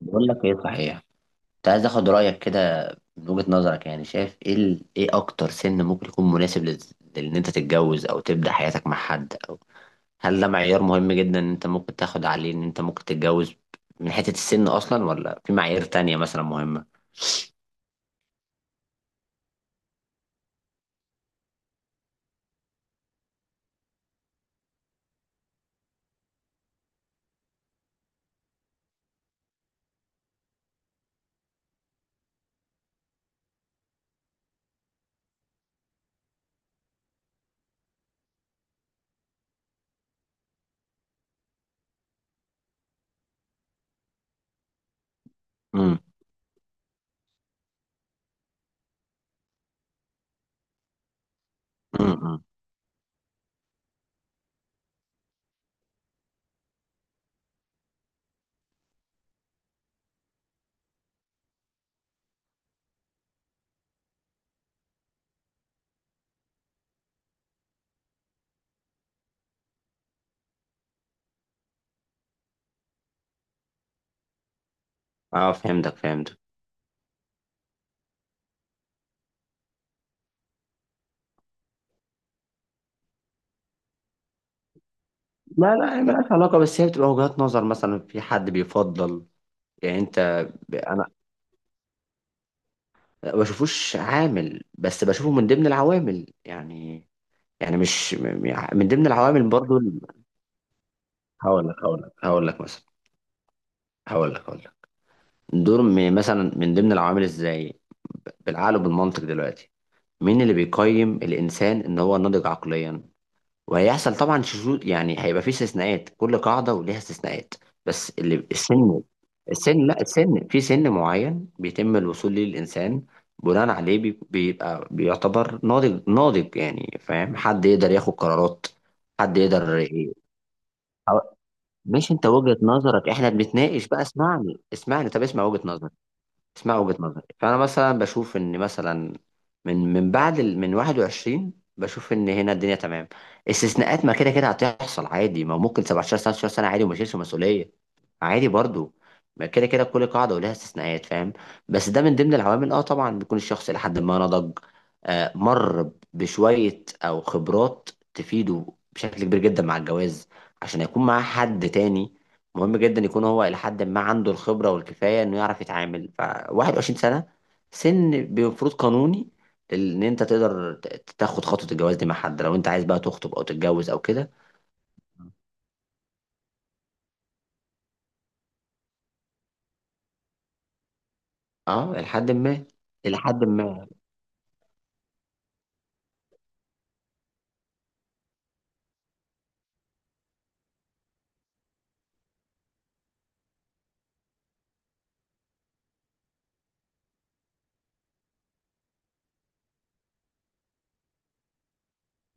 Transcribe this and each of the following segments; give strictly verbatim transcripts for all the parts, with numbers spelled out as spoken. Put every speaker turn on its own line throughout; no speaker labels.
بقول لك ايه صحيح. كنت عايز اخد رايك كده. من وجهة نظرك يعني شايف ايه ال... ايه اكتر سن ممكن يكون مناسب لل... لان انت تتجوز او تبدا حياتك مع حد، او هل ده معيار مهم جدا ان انت ممكن تاخد عليه ان انت ممكن تتجوز من حته السن اصلا، ولا في معايير تانية مثلا مهمه؟ امم امم امم. اه، فهمتك فهمتك لا لا، هي ملهاش علاقه، بس هي بتبقى وجهات نظر. مثلا في حد بيفضل، يعني انت ب... انا ما بشوفوش عامل، بس بشوفه من ضمن العوامل. يعني يعني مش م- م- من ضمن العوامل برضو ال- هقول لك هقول لك هقول لك مثلا. هقول لك هقول لك دور م- مثلا من ضمن العوامل ازاي، بالعقل وبالمنطق دلوقتي. مين اللي بيقيم الانسان ان هو ناضج عقليا؟ وهيحصل طبعا شذوذ، يعني هيبقى فيه استثناءات، كل قاعده وليها استثناءات. بس اللي السن، السن، لا، السن في سن معين بيتم الوصول ليه الانسان، بناء عليه بي- بيبقى بيعتبر ناضج ناضج، يعني فاهم، حد يقدر ياخد قرارات، حد يقدر. مش انت وجهة نظرك، احنا بنتناقش بقى، اسمعني اسمعني طب اسمع وجهة نظري. اسمع وجهة نظري. فانا مثلا بشوف ان مثلا، من من بعد ال... من واحد وعشرين بشوف ان هنا الدنيا تمام. استثناءات، ما كده كده هتحصل عادي. ما ممكن سبعة عشر تسعتاشر سنة عادي وما يشيلش مسؤولية عادي برضو. ما كده كده كل قاعدة ولها استثناءات، فاهم؟ بس ده من ضمن العوامل، اه طبعا بيكون الشخص الى حد ما نضج، آه، مر بشوية او خبرات تفيده بشكل كبير جدا مع الجواز، عشان يكون معاه حد تاني. مهم جدا يكون هو إلى حد ما عنده الخبرة والكفاية إنه يعرف يتعامل. فواحد وعشرين سنة سن بمفروض قانوني إن أنت تقدر ت- تاخد خطوة الجواز دي مع حد، لو أنت عايز بقى تخطب أو تتجوز أو كده. أه إلى حد ما. إلى حد ما.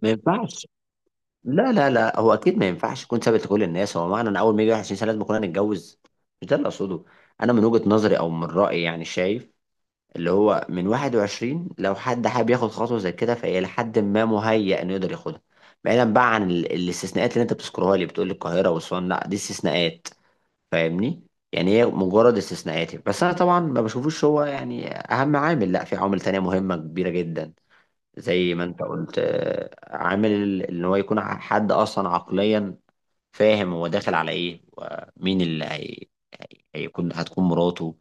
ما ينفعش. لا لا لا، هو أكيد ما ينفعش يكون ثابت لكل الناس. هو معنى إن أول ما يجي واحد وعشرين سنة لازم كلنا نتجوز؟ مش ده اللي أقصده. أنا من وجهة نظري أو من رأيي يعني شايف اللي هو من واحد وعشرين، لو حد حابب ياخد خطوة زي كده، فهي لحد ما مهيأ انه يقدر ياخدها. بعيدا بقى عن ال- الاستثناءات اللي انت بتذكرها لي، بتقول لي القاهرة وأسوان. لا، دي استثناءات، فاهمني؟ يعني هي مجرد استثناءات. بس انا طبعا ما بشوفوش هو يعني اهم عامل، لا، في عوامل تانية مهمة كبيرة جدا، زي ما انت قلت، آه، عامل ال- ان هو يكون ع- حد اصلا عقليا فاهم هو داخل على ايه، ومين اللي هي... هيكون هتكون مراته،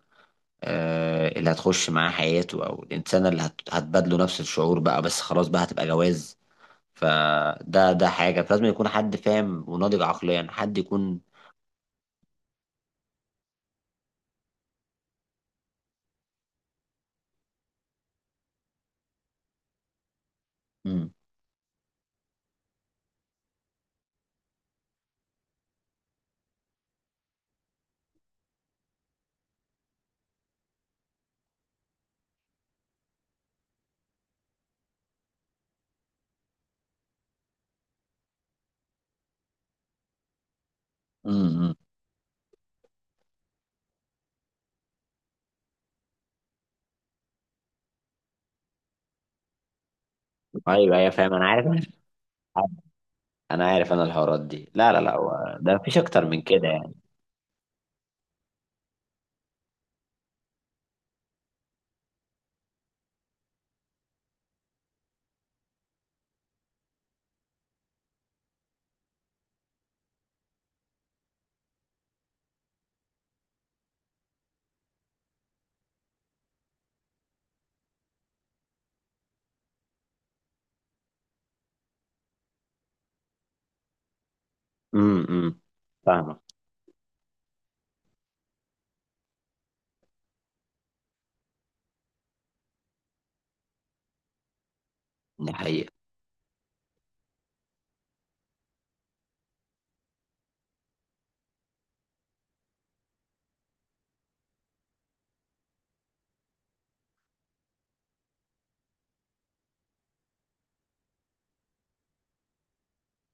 آه، اللي هتخش معاه حياته، او الانسانه اللي هت- هتبادله نفس الشعور. بقى بس خلاص بقى، هتبقى جواز. فده ده حاجه، فلازم يكون حد فاهم وناضج عقليا، حد يكون. مم. امم. ايوه ايوه، فاهم، انا عارف، انا عارف، انا الحوارات دي، لا لا لا، هو ده، مفيش اكتر من كده يعني. امم. أمم. فاهمك. دي حقيقه.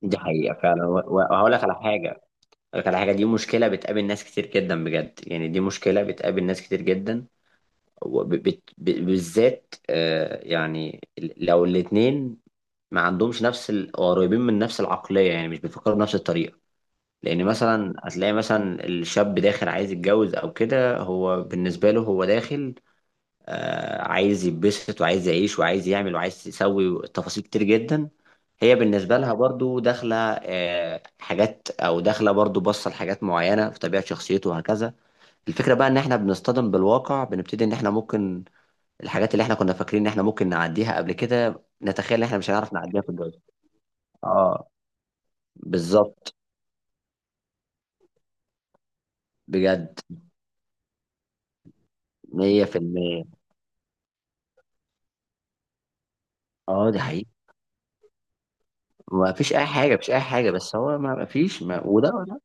دي حقيقه فعلا، و- و- وهقول لك على حاجه، هقول لك على حاجه. دي مشكله بتقابل ناس كتير جدا، بجد يعني، دي مشكله بتقابل ناس كتير جدا. وبت- ب- بالذات آه، يعني ال- لو الاتنين ما عندهمش نفس ال- قريبين من نفس العقلية، يعني مش بيفكروا بنفس الطريقة. لأن مثلا هتلاقي مثلا الشاب داخل عايز يتجوز أو كده، هو بالنسبة له هو داخل، آه، عايز يتبسط وعايز يعيش وعايز يعمل وعايز يسوي تفاصيل كتير جدا. هي بالنسبة لها برضو داخلة، آه، حاجات، أو داخلة برضو بصة لحاجات معينة في طبيعة شخصيته، وهكذا. الفكرة بقى إن إحنا بنصطدم بالواقع، بنبتدي إن إحنا ممكن، الحاجات اللي احنا كنا فاكرين ان احنا ممكن نعديها قبل كده، نتخيل ان احنا مش هنعرف نعديها في الجواز. اه. بالظبط. بجد. مية في المية. اه دي حقيقة. ما فيش اي حاجة، مش اي حاجة، بس هو ما ما فيش ما وده ولا.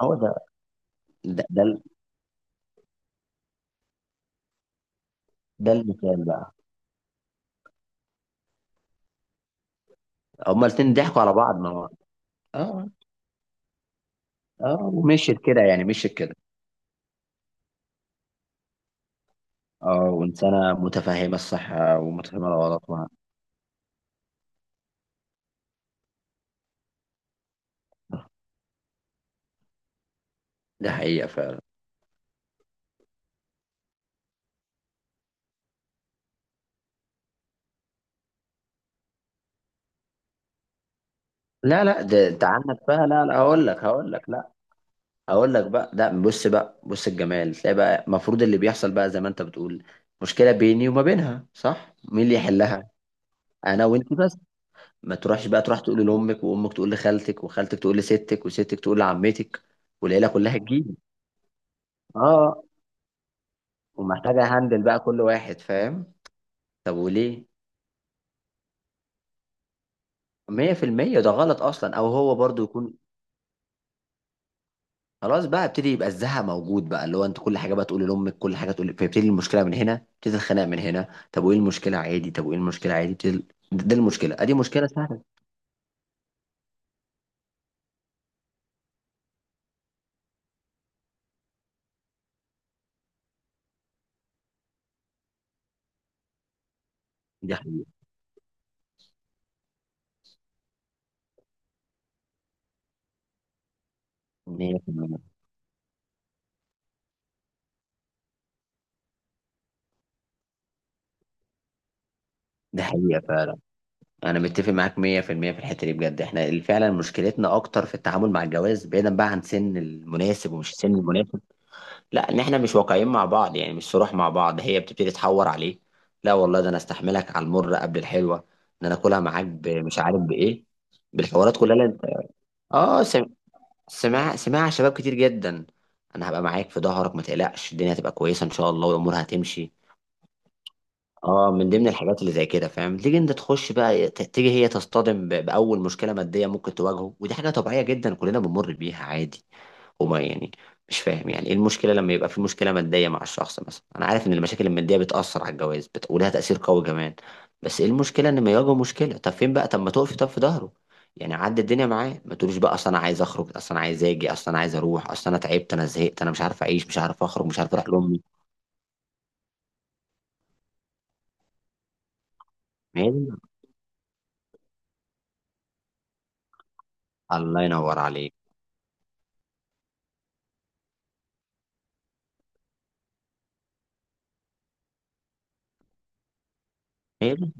هو ده. ده ده, ال- ده المثال بقى. هما الاتنين ضحكوا على بعض، ما هو. اه. اه، ومشيت كده يعني، مشيت كده. اه، وانسانة متفهمة الصح ومتفهمة الغلط، ما- ده حقيقة فعلا. لا لا، ده انت عندك بقى، لا لا، هقول لك هقول لك لا، هقول لك بقى. لا بص بقى، بص الجمال. تلاقي بقى المفروض اللي بيحصل بقى زي ما انت بتقول، مشكله بيني وما بينها، صح؟ مين اللي يحلها؟ انا وانت بس. ما تروحش بقى تروح تقول لامك، وامك تقول لخالتك، وخالتك تقول لستك، وستك تقول لعمتك، والعيله كلها تجيب. اه. ومحتاجه هندل بقى كل واحد، فاهم؟ طب وليه؟ مية في المية ده غلط اصلا. او هو برضو يكون، خلاص بقى ابتدي، يبقى الزهق موجود بقى، اللي هو انت كل حاجه بقى تقول لامك، كل حاجه تقول، فيبتدي المشكله من هنا، ابتدي الخناق من هنا. طب وايه المشكله عادي؟ طب وايه المشكله عادي؟ ابتدي. دي المشكله، ادي مشكله سهله. دي حقيقه. مية في المية. دي حقيقه فعلا، انا متفق معاك مية في المية في الحته دي بجد. احنا اللي فعلا مشكلتنا اكتر في التعامل مع الجواز، بعيدا بقى عن سن المناسب ومش السن المناسب. لا، ان احنا مش واقعيين مع بعض، يعني مش صروح مع بعض، هي بتبتدي تحور عليه. لا والله، ده انا استحملك على المر قبل الحلوه، ان انا اكلها معاك ب- مش عارف بايه، بالحوارات كلها اللي انت. اه سم- سمع، سمع، شباب كتير جدا، انا هبقى معاك في ظهرك، ما تقلقش، الدنيا هتبقى كويسه ان شاء الله، والامور هتمشي. اه، من ضمن الحاجات اللي زي كده، فاهم، تيجي انت تخش بقى ت- تيجي هي تصطدم ب- باول مشكله ماديه ممكن تواجهه. ودي حاجه طبيعيه جدا، كلنا بنمر بيها عادي. وما يعني، مش فاهم يعني ايه المشكله لما يبقى في مشكله ماديه مع الشخص. مثلا انا عارف ان المشاكل الماديه بتاثر على الجواز، بت... ولها تاثير قوي كمان. بس ايه المشكله ان ما يواجه مشكله؟ طب فين بقى؟ طب ما تقفي طب في ظهره، يعني عدي الدنيا معاه، ما تقوليش بقى اصل انا عايز اخرج، اصل انا عايز اجي، اصل انا عايز اروح، اصل انا تعبت، انا زهقت، انا مش عارف اعيش، مش عارف اخرج، مش عارف اروح لامي. ما هي دي- الله ينور عليك. ما هي دي.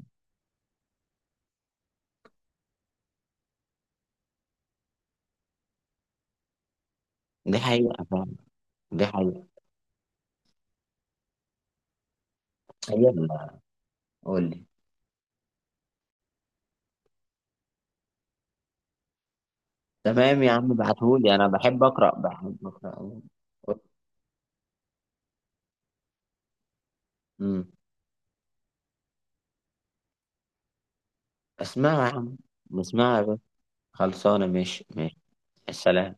دي حقيقه فعلا. دي حقيقه. يلا قول لي. تمام يا عم، ابعتهولي، انا بحب اقرا، بحب اقرا أوي. قول. مم. اسمعها يا عم. اسمعها يا باشا. خلصانة، ماشي ماشي. السلام.